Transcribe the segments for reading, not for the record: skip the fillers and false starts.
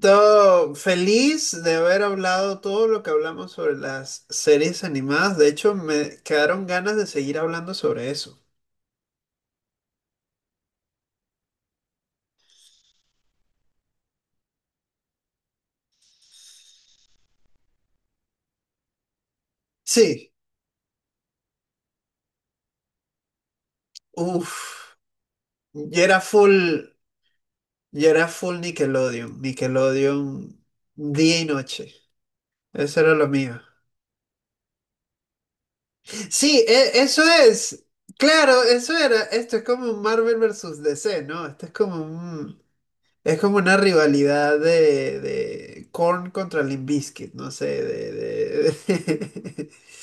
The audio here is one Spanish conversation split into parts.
Todo feliz de haber hablado todo lo que hablamos sobre las series animadas. De hecho, me quedaron ganas de seguir hablando sobre eso. Sí, uff. Yo era full, yo era full Nickelodeon. Nickelodeon día y noche. Eso era lo mío. Sí, eso es. Claro, eso era. Esto es como un Marvel versus DC, ¿no? Esto es como un, Es como una rivalidad de Korn contra Limp Bizkit, no sé,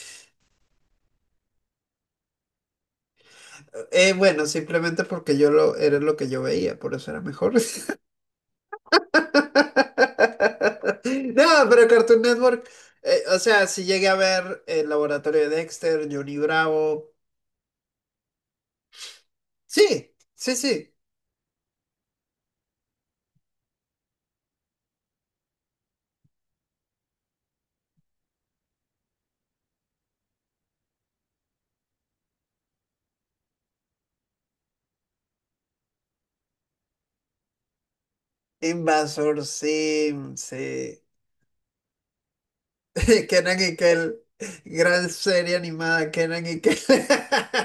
Bueno, simplemente porque yo lo era lo que yo veía, por eso era mejor. No, pero Cartoon Network, o sea, si llegué a ver el laboratorio de Dexter, Johnny Bravo, sí, sí, sí, Invasor Sim, sí. Kenan y Kel, gran serie animada, Kenan y Kel.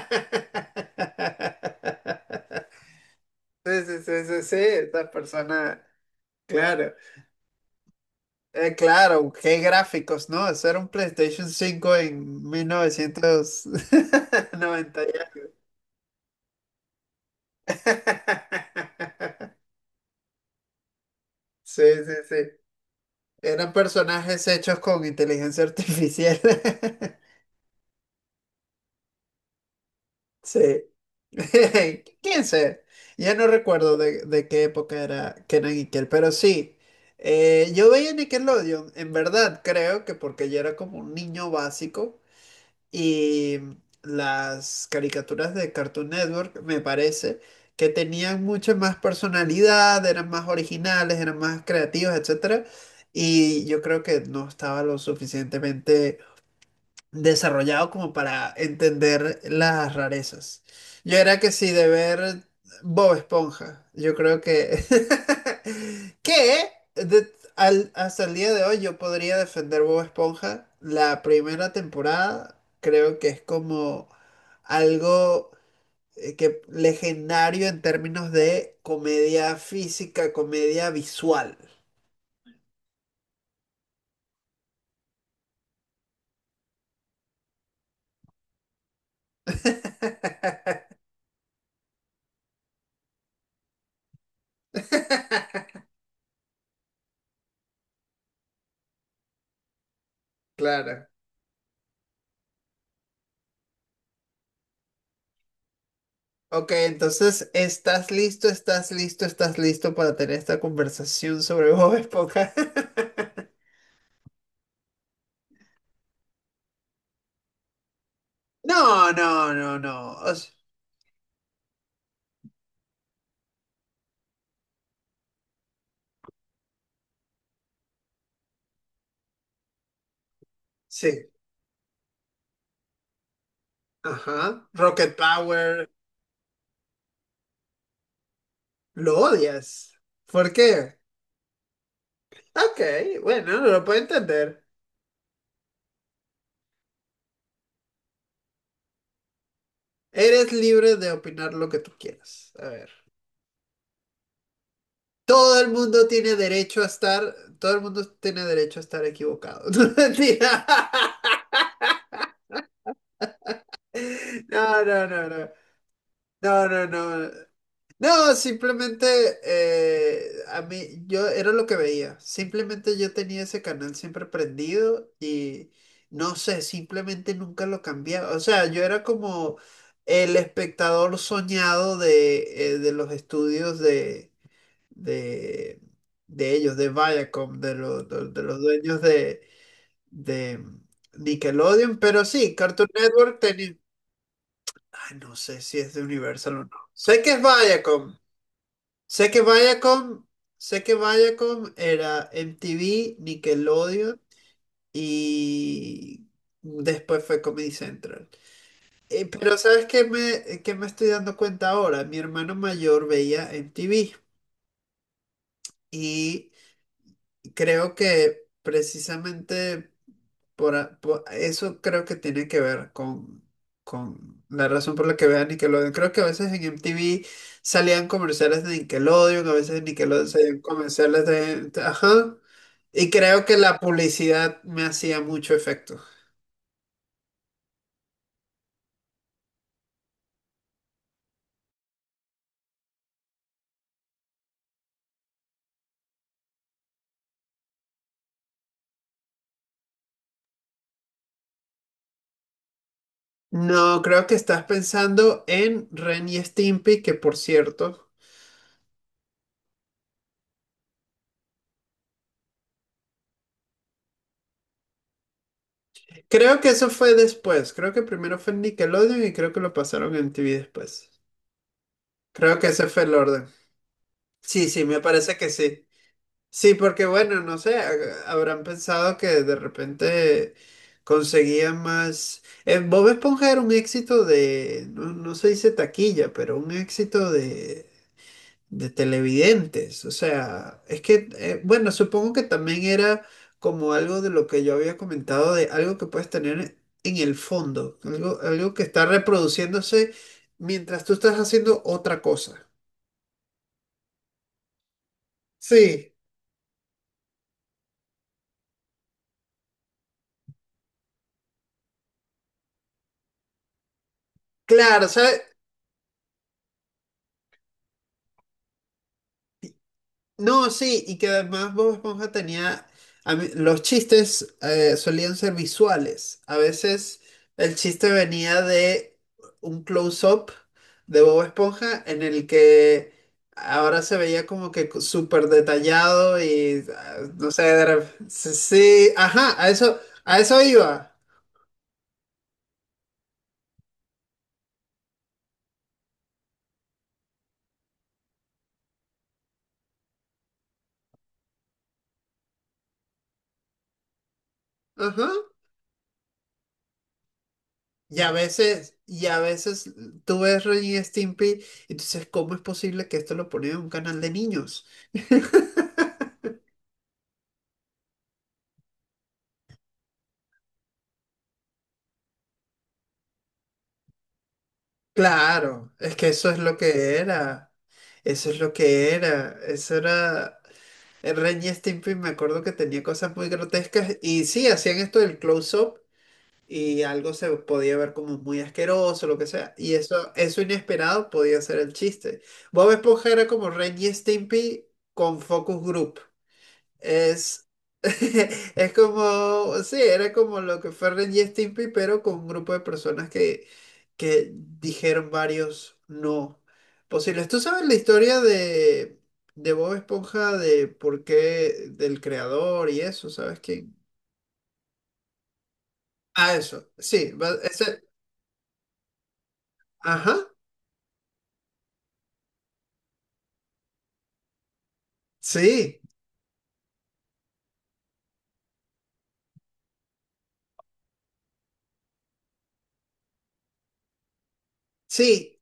Sí, sí, sí, sí, sí, esa persona, claro. Claro, qué gráficos, ¿no? Eso era un PlayStation 5 en 1990. Ya. Sí, sí, sí, eran personajes hechos con inteligencia artificial. Sí. 15. Ya no recuerdo de qué época era que era Nickel, pero sí. Yo veía Nickelodeon, en verdad, creo que porque yo era como un niño básico, y las caricaturas de Cartoon Network me parece que tenían mucha más personalidad, eran más originales, eran más creativos, etcétera. Y yo creo que no estaba lo suficientemente desarrollado como para entender las rarezas. Yo era que sí, de ver Bob Esponja. Yo creo que que hasta el día de hoy yo podría defender Bob Esponja. La primera temporada creo que es como algo que legendario en términos de comedia física, comedia visual. Claro. Ok, entonces, ¿estás listo para tener esta conversación sobre Bob Esponja? No, no, no, no. Sí, ajá. Rocket Power, lo odias. ¿Por qué? Ok, bueno, lo puedo entender. Eres libre de opinar lo que tú quieras. A ver. Todo el mundo tiene derecho a estar, todo el mundo tiene derecho a estar equivocado. No, mentira. No, no, no, no. No, no, no. No, simplemente a mí, yo era lo que veía. Simplemente yo tenía ese canal siempre prendido y no sé, simplemente nunca lo cambiaba. O sea, yo era como el espectador soñado de los estudios de, de, de ellos, de Viacom, de los dueños de Nickelodeon. Pero sí, Cartoon Network tenía. Ay, no sé si es de Universal o no. Sé que es Viacom. Sé que Viacom, Sé que Viacom era MTV, Nickelodeon y después fue Comedy Central. Pero ¿sabes qué me estoy dando cuenta ahora? Mi hermano mayor veía MTV y creo que precisamente eso creo que tiene que ver con la razón por la que vean Nickelodeon. Creo que a veces en MTV salían comerciales de Nickelodeon, a veces en Nickelodeon salían comerciales ajá. Y creo que la publicidad me hacía mucho efecto. No, creo que estás pensando en Ren y Stimpy, que por cierto, creo que eso fue después. Creo que primero fue en Nickelodeon y creo que lo pasaron en MTV después. Creo que ese fue el orden. Sí, sí, me parece que sí. Sí, porque bueno, no sé, habrán pensado que de repente conseguían más. Bob Esponja era un éxito de, no, no se dice taquilla, pero un éxito de televidentes. O sea, es que, bueno, supongo que también era como algo de lo que yo había comentado, de algo que puedes tener en el fondo, algo, algo que está reproduciéndose mientras tú estás haciendo otra cosa. Sí, claro, ¿sabes? No, sí, y que además Bob Esponja tenía, los chistes solían ser visuales. A veces el chiste venía de un close-up de Bob Esponja en el que ahora se veía como que súper detallado y ah, no sé, sí, sí, ajá, a eso iba. Ajá. Y a veces tú ves Ren y Stimpy y tú dices, ¿cómo es posible que esto lo ponen en un canal de niños? Claro, es que eso es lo que era. Eso es lo que era. Eso era. El Ren y Stimpy me acuerdo que tenía cosas muy grotescas. Y sí, hacían esto del close-up. Y algo se podía ver como muy asqueroso, lo que sea. Y eso inesperado podía ser el chiste. Bob Esponja era como Ren y Stimpy con Focus Group. Es, es como, sí, era como lo que fue Ren y Stimpy, pero con un grupo de personas que dijeron varios no posibles. ¿Tú sabes la historia de Bob Esponja, de por qué, del creador y eso? ¿Sabes quién? Ah, eso, sí, ajá, sí, sí.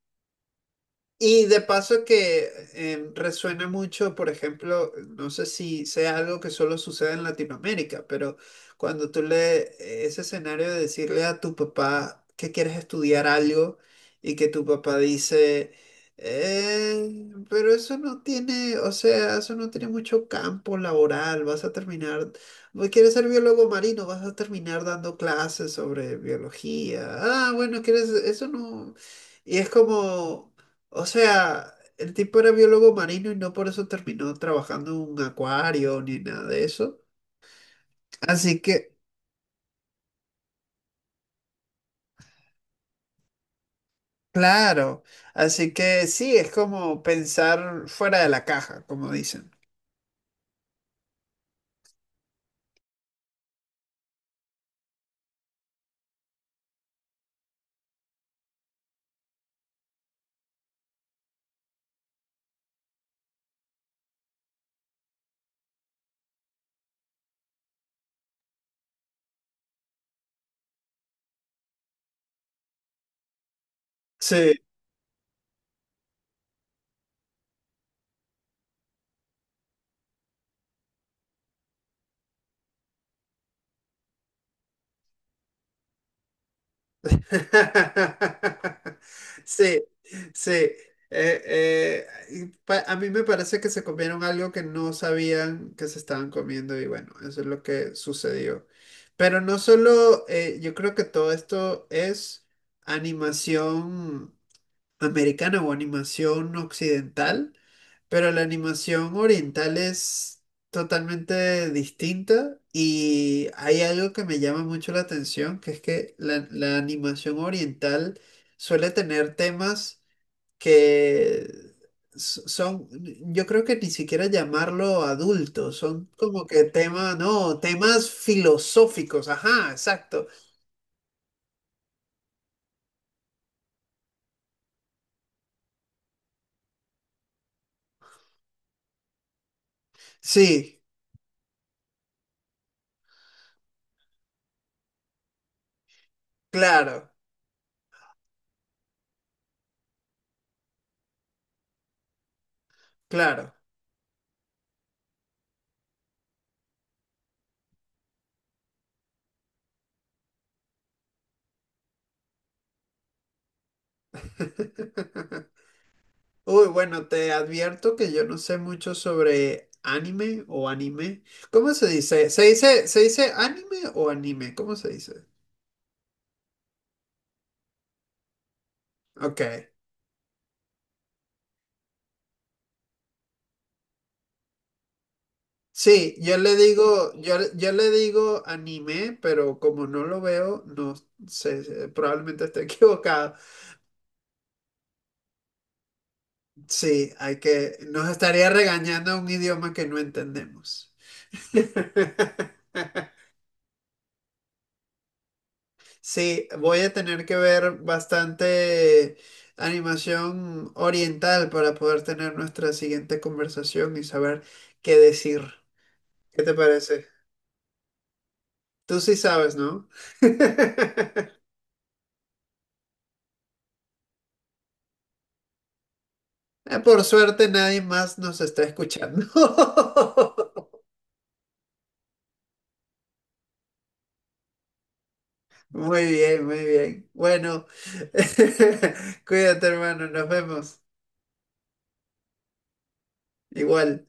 Y de paso que resuena mucho, por ejemplo, no sé si sea algo que solo sucede en Latinoamérica, pero cuando tú le ese escenario de decirle a tu papá que quieres estudiar algo y que tu papá dice, Pero eso no tiene, o sea, eso no tiene mucho campo laboral, vas a terminar, quieres ser biólogo marino, vas a terminar dando clases sobre biología. Ah, bueno, quieres, eso no". Y es como... O sea, el tipo era biólogo marino y no por eso terminó trabajando en un acuario ni nada de eso. Así que, claro, así que sí, es como pensar fuera de la caja, como dicen. Sí. Sí, sí. A mí me parece que se comieron algo que no sabían que se estaban comiendo y bueno, eso es lo que sucedió. Pero no solo, yo creo que todo esto es animación americana o animación occidental, pero la animación oriental es totalmente distinta y hay algo que me llama mucho la atención, que es que la animación oriental suele tener temas que son, yo creo que ni siquiera llamarlo adultos, son como que temas, no, temas filosóficos, ajá, exacto, sí, claro, claro. Uy, bueno, te advierto que yo no sé mucho sobre anime o anime. ¿Cómo se dice? ¿Se dice, se dice anime o anime? ¿Cómo se dice? Ok. Sí, yo le digo, yo le digo anime, pero como no lo veo, no sé, probablemente esté equivocado. Sí, hay que, nos estaría regañando un idioma que no entendemos. Sí, voy a tener que ver bastante animación oriental para poder tener nuestra siguiente conversación y saber qué decir. ¿Qué te parece? Tú sí sabes, ¿no? Por suerte nadie más nos está escuchando. Muy bien, muy bien. Bueno, cuídate, hermano, nos vemos. Igual.